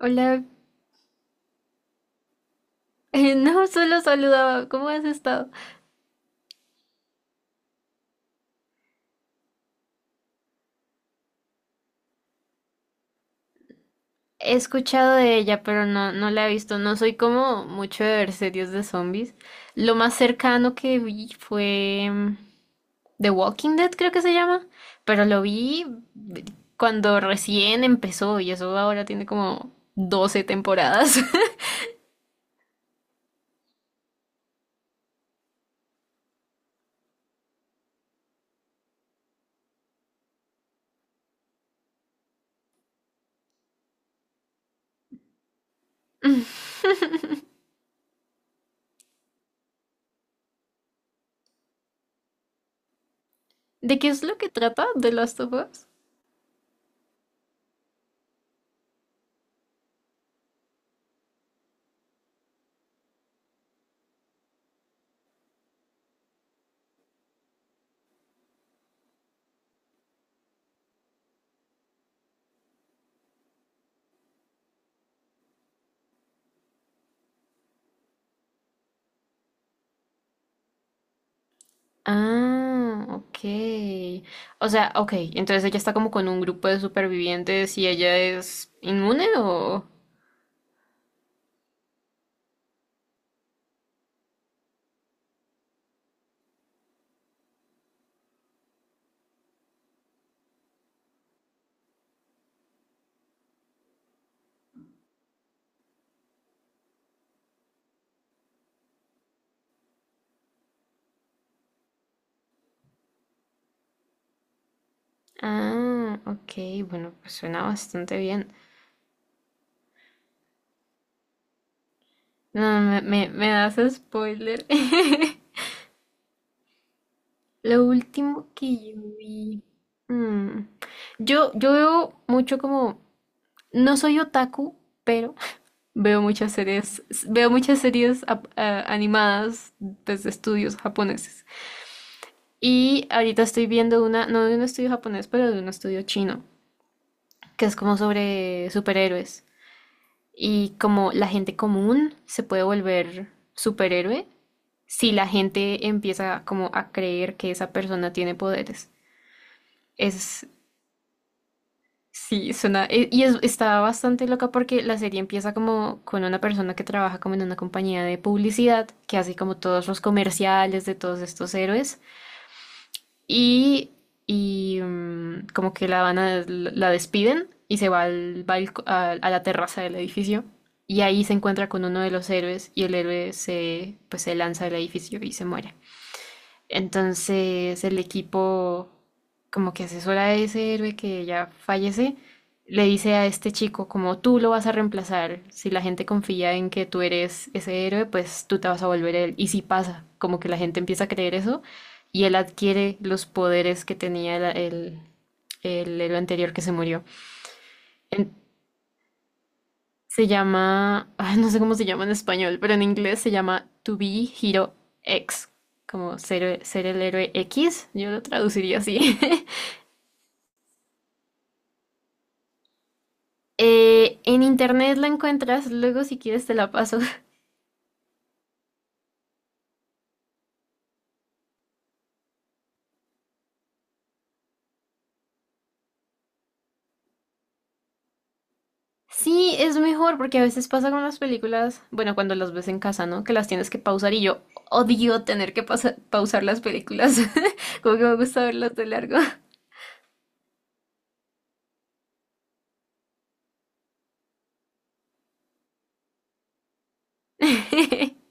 Hola, no, solo saludaba. ¿Cómo has estado? He escuchado de ella, pero no la he visto. No soy como mucho de ver series de zombies. Lo más cercano que vi fue The Walking Dead, creo que se llama, pero lo vi mm, cuando recién empezó y eso ahora tiene como 12 temporadas. ¿De qué es lo que trata The Last of Us? Ah, ok. O sea, ok, entonces ella está como con un grupo de supervivientes y ella es inmune o... Ah, ok, bueno, pues suena bastante bien. No, me das spoiler. Lo último que yo vi... mm, yo veo mucho como... No soy otaku, pero veo muchas series, veo muchas series animadas desde estudios japoneses. Y ahorita estoy viendo una, no de un estudio japonés, pero de un estudio chino, que es como sobre superhéroes. Y como la gente común se puede volver superhéroe si la gente empieza como a creer que esa persona tiene poderes. Es, sí, suena, está bastante loca porque la serie empieza como con una persona que trabaja como en una compañía de publicidad, que hace como todos los comerciales de todos estos héroes. y, Como que la van a, la despiden y se va, a la terraza del edificio y ahí se encuentra con uno de los héroes y el héroe se, pues, se lanza del edificio y se muere. Entonces el equipo como que asesora a ese héroe que ya fallece, le dice a este chico como tú lo vas a reemplazar, si la gente confía en que tú eres ese héroe, pues tú te vas a volver él. Y si pasa, como que la gente empieza a creer eso y él adquiere los poderes que tenía el héroe anterior que se murió. En- Se llama, ay, no sé cómo se llama en español, pero en inglés se llama To Be Hero X, como ser, ser el héroe X, yo lo traduciría así. En internet la encuentras, luego si quieres te la paso. Sí, es mejor porque a veces pasa con las películas, bueno, cuando las ves en casa, ¿no? Que las tienes que pausar y yo odio tener que pausar las películas, como que me gusta verlas de largo.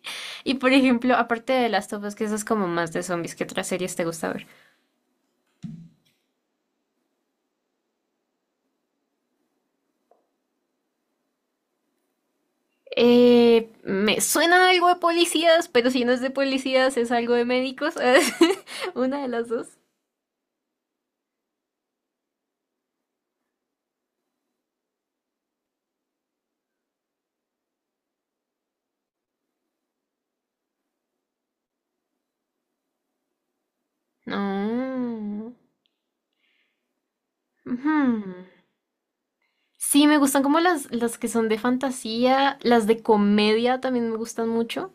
Y por ejemplo, aparte de Last of Us, que esas como más de zombies, ¿qué otras series te gusta ver? Me suena algo de policías, pero si no es de policías, es algo de médicos. Una de las dos. No. Ujú. Sí, me gustan como las que son de fantasía, las de comedia también me gustan mucho.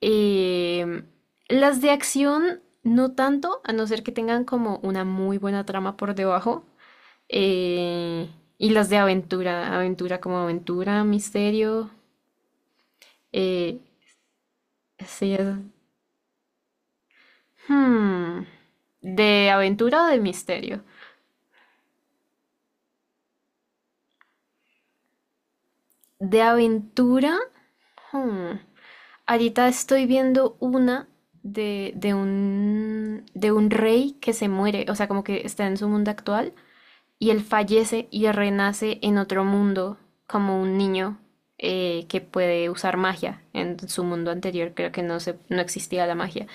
Eh, las de acción, no tanto, a no ser que tengan como una muy buena trama por debajo. Eh, y las de aventura, aventura como aventura, misterio. Eh, sí. Hmm, ¿De aventura o de misterio? De aventura. hmm, Ahorita estoy viendo una de un rey que se muere, o sea, como que está en su mundo actual y él fallece y renace en otro mundo como un niño que puede usar magia. En su mundo anterior creo que no existía la magia.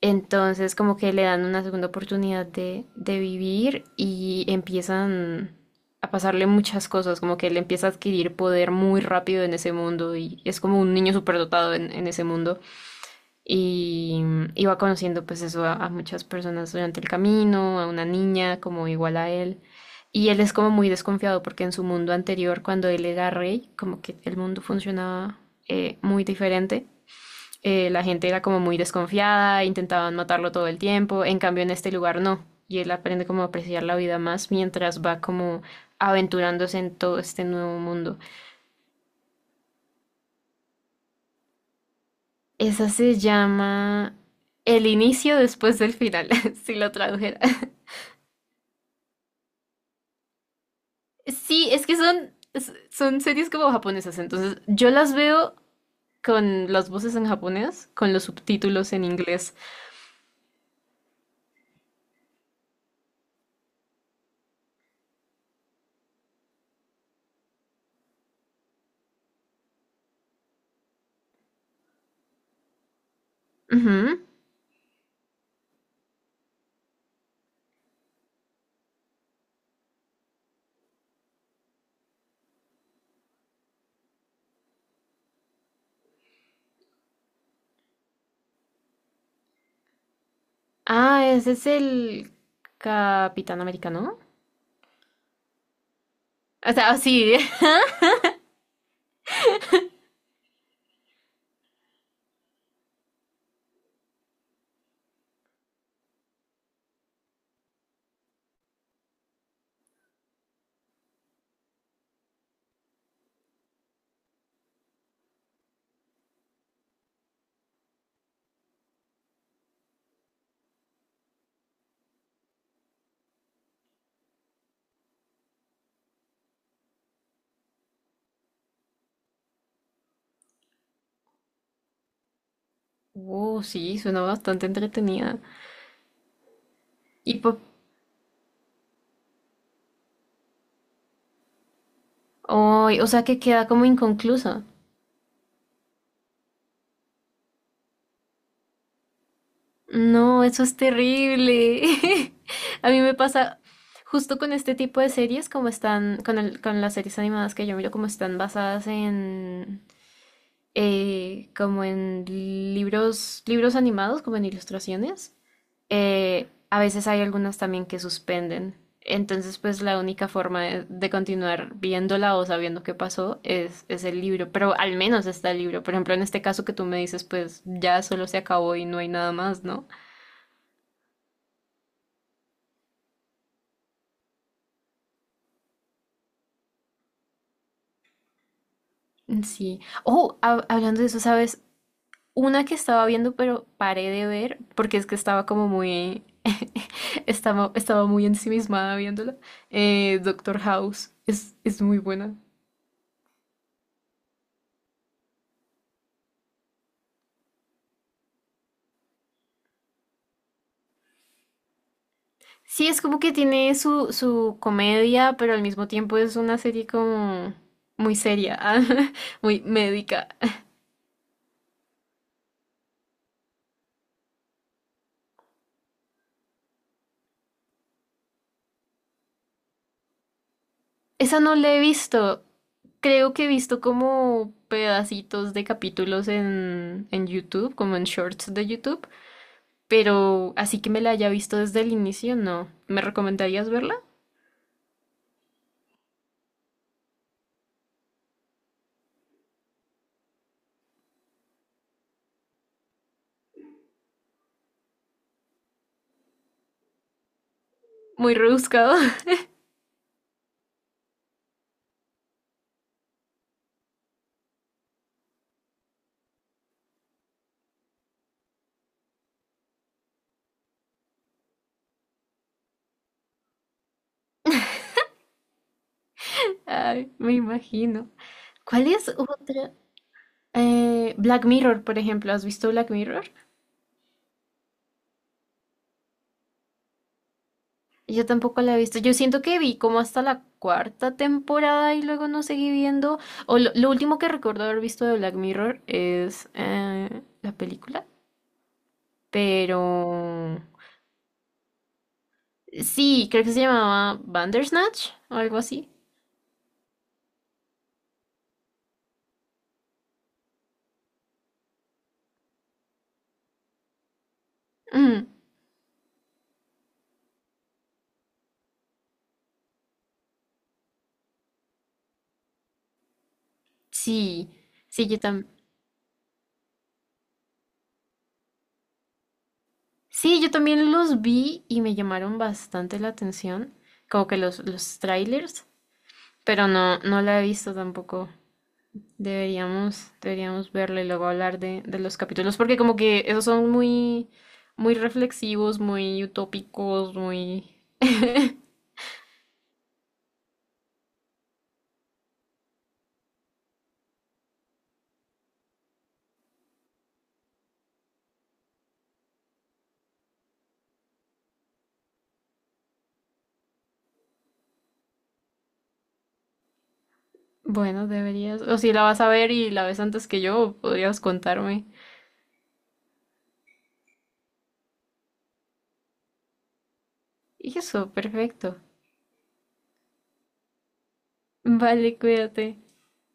Entonces como que le dan una segunda oportunidad de vivir y empiezan a pasarle muchas cosas, como que él empieza a adquirir poder muy rápido en ese mundo y es como un niño superdotado en ese mundo y, y va conociendo pues eso a muchas personas durante el camino, a una niña como igual a él. Y él es como muy desconfiado porque en su mundo anterior, cuando él era rey, como que el mundo funcionaba muy diferente. La gente era como muy desconfiada, intentaban matarlo todo el tiempo, en cambio en este lugar no, y él aprende como a apreciar la vida más mientras va como aventurándose en todo este nuevo mundo. Esa se llama El inicio después del final, si lo tradujera. Sí, es que son, son series como japonesas, entonces yo las veo con las voces en japonés, con los subtítulos en inglés. Ujú. Ah, ese es el Capitán Americano. O sea, sí, sí, suena bastante entretenida. Y po- ay, o sea que queda como inconclusa. No, eso es terrible. A mí me pasa justo con este tipo de series, como están, con las series animadas que yo miro, como están basadas en, como en libros, libros animados, como en ilustraciones. A veces hay algunas también que suspenden. Entonces, pues la única forma de continuar viéndola o sabiendo qué pasó es el libro, pero al menos está el libro. Por ejemplo, en este caso que tú me dices, pues ya solo se acabó y no hay nada más, ¿no? Sí. Oh, hablando de eso, ¿sabes? Una que estaba viendo, pero paré de ver porque es que estaba como muy. Estaba muy ensimismada viéndola. Doctor House es muy buena. Sí, es como que tiene su, su comedia, pero al mismo tiempo es una serie como muy seria, ah, muy médica. Esa no la he visto. Creo que he visto como pedacitos de capítulos en YouTube, como en shorts de YouTube. Pero así que me la haya visto desde el inicio, no. ¿Me recomendarías verla? Muy rebuscado. Ay, me imagino. ¿Cuál es otra? Black Mirror, por ejemplo. ¿Has visto Black Mirror? Yo tampoco la he visto. Yo siento que vi como hasta la cuarta temporada y luego no seguí viendo. O lo último que recuerdo haber visto de Black Mirror es la película. Pero sí, creo que se llamaba Bandersnatch o algo así. Mm, sí, sí, yo también. Sí, yo también los vi y me llamaron bastante la atención, como que los trailers, pero no la he visto tampoco. Deberíamos verla y luego hablar de los capítulos, porque como que esos son muy, muy reflexivos, muy utópicos, muy... Bueno, deberías, o si la vas a ver y la ves antes que yo, podrías contarme. Y eso, perfecto. Vale, cuídate.